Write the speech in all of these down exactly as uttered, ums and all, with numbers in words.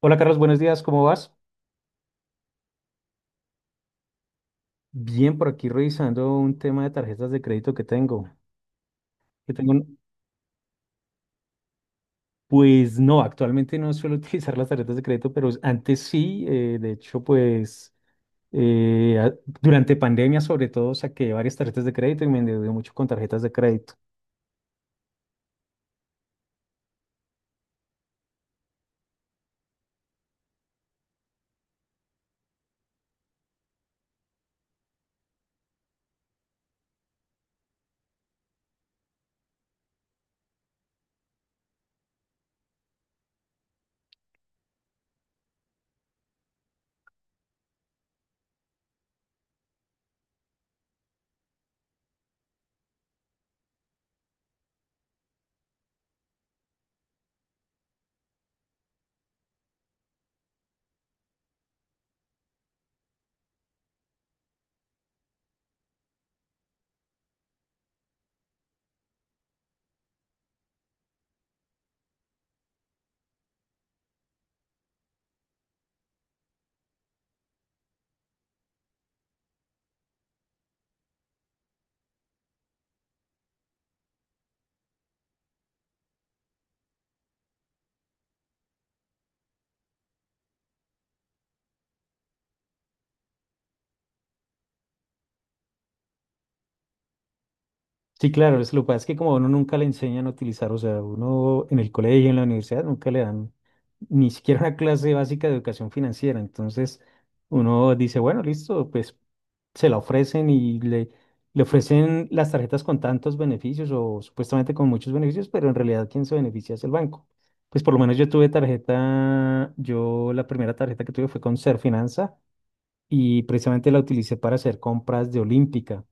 Hola Carlos, buenos días, ¿cómo vas? Bien, por aquí revisando un tema de tarjetas de crédito que tengo. Que tengo, un- pues no, actualmente no suelo utilizar las tarjetas de crédito, pero antes sí, eh, de hecho, pues eh, a- durante pandemia sobre todo saqué varias tarjetas de crédito y me endeudé mucho con tarjetas de crédito. Sí, claro, es lo que pasa es que como a uno nunca le enseñan a utilizar, o sea, uno en el colegio, en la universidad, nunca le dan ni siquiera una clase básica de educación financiera. Entonces, uno dice, bueno, listo, pues se la ofrecen y le, le ofrecen las tarjetas con tantos beneficios o supuestamente con muchos beneficios, pero en realidad quien se beneficia es el banco. Pues por lo menos yo tuve tarjeta, yo la primera tarjeta que tuve fue con Serfinanza y precisamente la utilicé para hacer compras de Olímpica.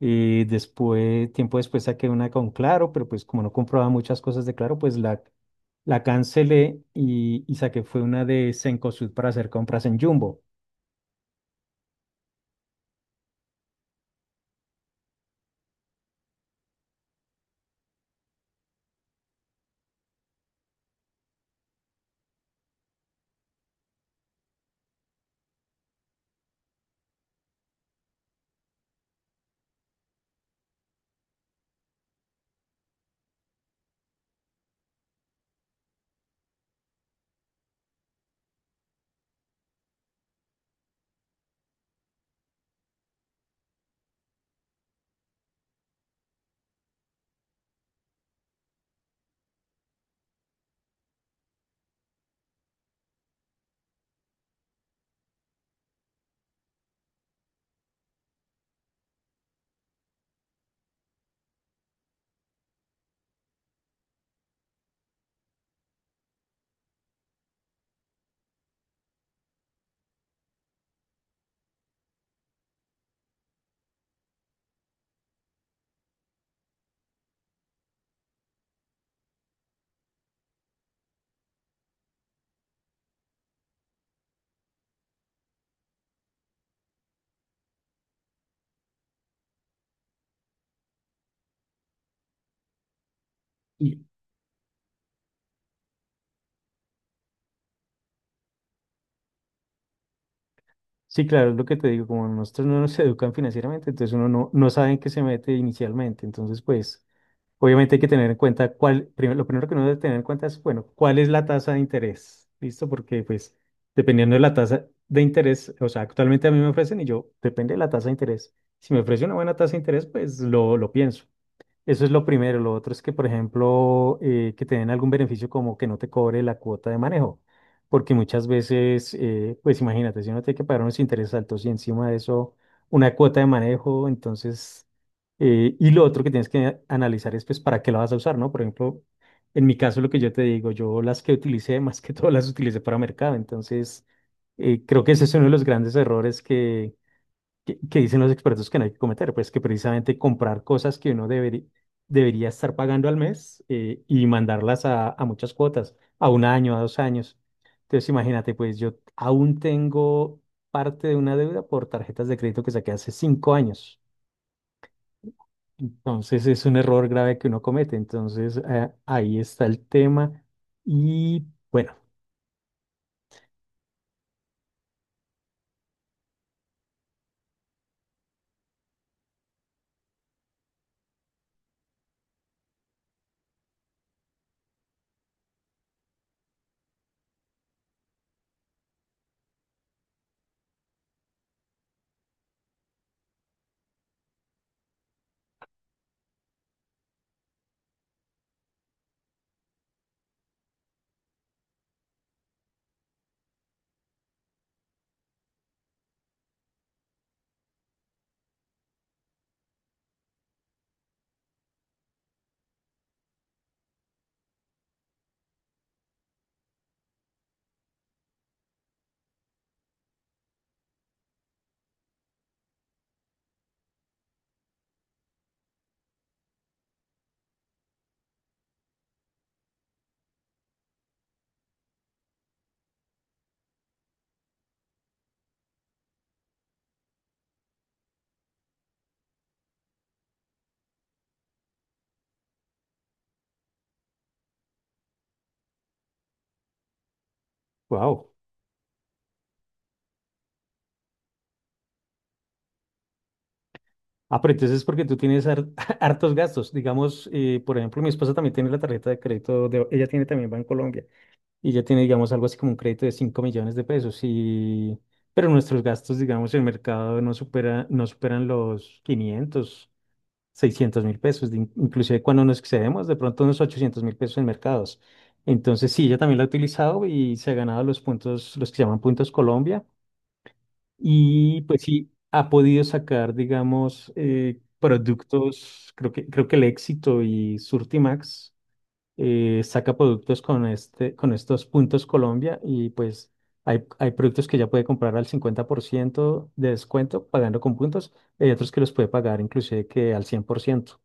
Y después, tiempo después saqué una con Claro, pero pues como no comprobaba muchas cosas de Claro, pues la, la cancelé y, y saqué fue una de Cencosud para hacer compras en Jumbo. Y sí, claro, es lo que te digo, como nosotros no nos educan financieramente, entonces uno no, no sabe en qué se mete inicialmente. Entonces, pues obviamente hay que tener en cuenta cuál, primero, lo primero que uno debe tener en cuenta es, bueno, cuál es la tasa de interés, ¿listo? Porque pues dependiendo de la tasa de interés, o sea, actualmente a mí me ofrecen y yo, depende de la tasa de interés. Si me ofrece una buena tasa de interés, pues lo, lo pienso. Eso es lo primero. Lo otro es que, por ejemplo, eh, que te den algún beneficio como que no te cobre la cuota de manejo. Porque muchas veces, eh, pues imagínate, si uno tiene que pagar unos intereses altos y encima de eso una cuota de manejo, entonces, eh, y lo otro que tienes que analizar es pues para qué la vas a usar, ¿no? Por ejemplo, en mi caso lo que yo te digo, yo las que utilicé, más que todo las utilicé para mercado. Entonces, eh, creo que ese es uno de los grandes errores que, que dicen los expertos que no hay que cometer, pues que precisamente comprar cosas que uno deberí- debería estar pagando al mes eh, y mandarlas a, a muchas cuotas, a un año, a dos años. Entonces, imagínate, pues yo aún tengo parte de una deuda por tarjetas de crédito que saqué hace cinco años. Entonces, es un error grave que uno comete. Entonces, eh, ahí está el tema. Y bueno, wow. Ah, pero entonces es porque tú tienes har- hartos gastos. Digamos, eh, por ejemplo, mi esposa también tiene la tarjeta de crédito, de- ella tiene también Colombia y ella tiene, digamos, algo así como un crédito de cinco millones de pesos. Y, pero nuestros gastos, digamos, en el mercado no supera, no superan los quinientos, seiscientos mil pesos, de in- inclusive cuando nos excedemos, de pronto unos ochocientos mil pesos en mercados. Entonces, sí, ella también la ha utilizado y se ha ganado los puntos, los que se llaman puntos Colombia. Y pues sí, ha podido sacar, digamos, eh, productos, creo que, creo que el éxito y Surtimax eh, saca productos con, este, con estos puntos Colombia y pues hay, hay productos que ya puede comprar al cincuenta por ciento de descuento pagando con puntos, hay otros que los puede pagar inclusive que al cien por ciento.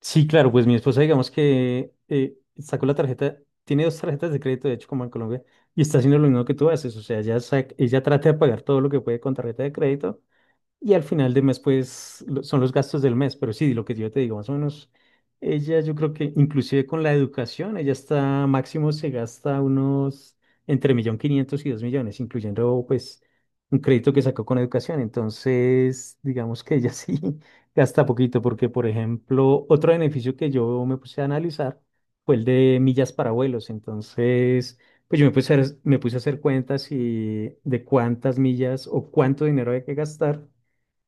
Sí, claro, pues mi esposa, digamos que eh, sacó la tarjeta, tiene dos tarjetas de crédito, de hecho, como en Colombia, y está haciendo lo mismo que tú haces, o sea, ella, sac- ella trata de pagar todo lo que puede con tarjeta de crédito, y al final de mes, pues, lo- son los gastos del mes, pero sí, lo que yo te digo, más o menos, ella yo creo que inclusive con la educación, ella está máximo se gasta unos entre millón quinientos y dos millones, incluyendo pues un crédito que sacó con educación. Entonces, digamos que ella sí gasta poquito, porque por ejemplo, otro beneficio que yo me puse a analizar fue el de millas para vuelos. Entonces, pues yo me puse a, me puse a hacer cuentas y de cuántas millas o cuánto dinero hay que gastar.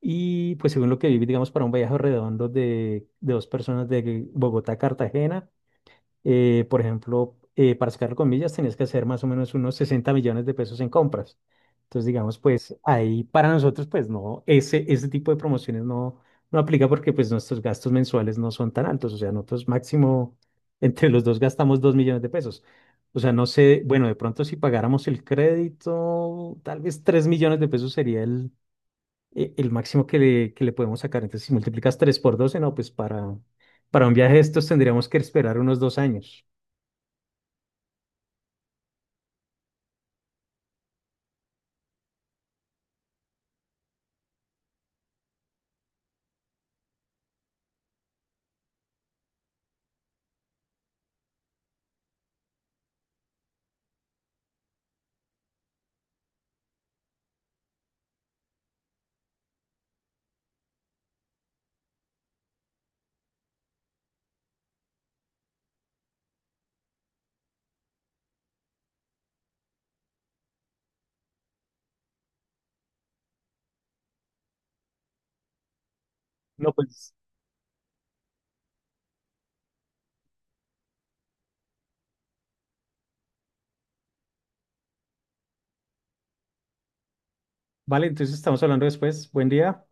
Y pues según lo que vi, digamos, para un viaje redondo de, de dos personas de Bogotá a Cartagena, eh, por ejemplo, eh, para sacarlo con millas tenías que hacer más o menos unos sesenta millones de pesos en compras. Entonces, digamos, pues ahí para nosotros, pues no, ese, ese tipo de promociones no, no aplica porque pues nuestros gastos mensuales no son tan altos. O sea, nosotros máximo entre los dos gastamos dos millones de pesos. O sea, no sé, bueno, de pronto si pagáramos el crédito, tal vez tres millones de pesos sería el eh, el máximo que le, que le podemos sacar. Entonces, si multiplicas tres por doce no, pues para, para un viaje de estos tendríamos que esperar unos dos años. No, pues. Vale, entonces estamos hablando después. Buen día.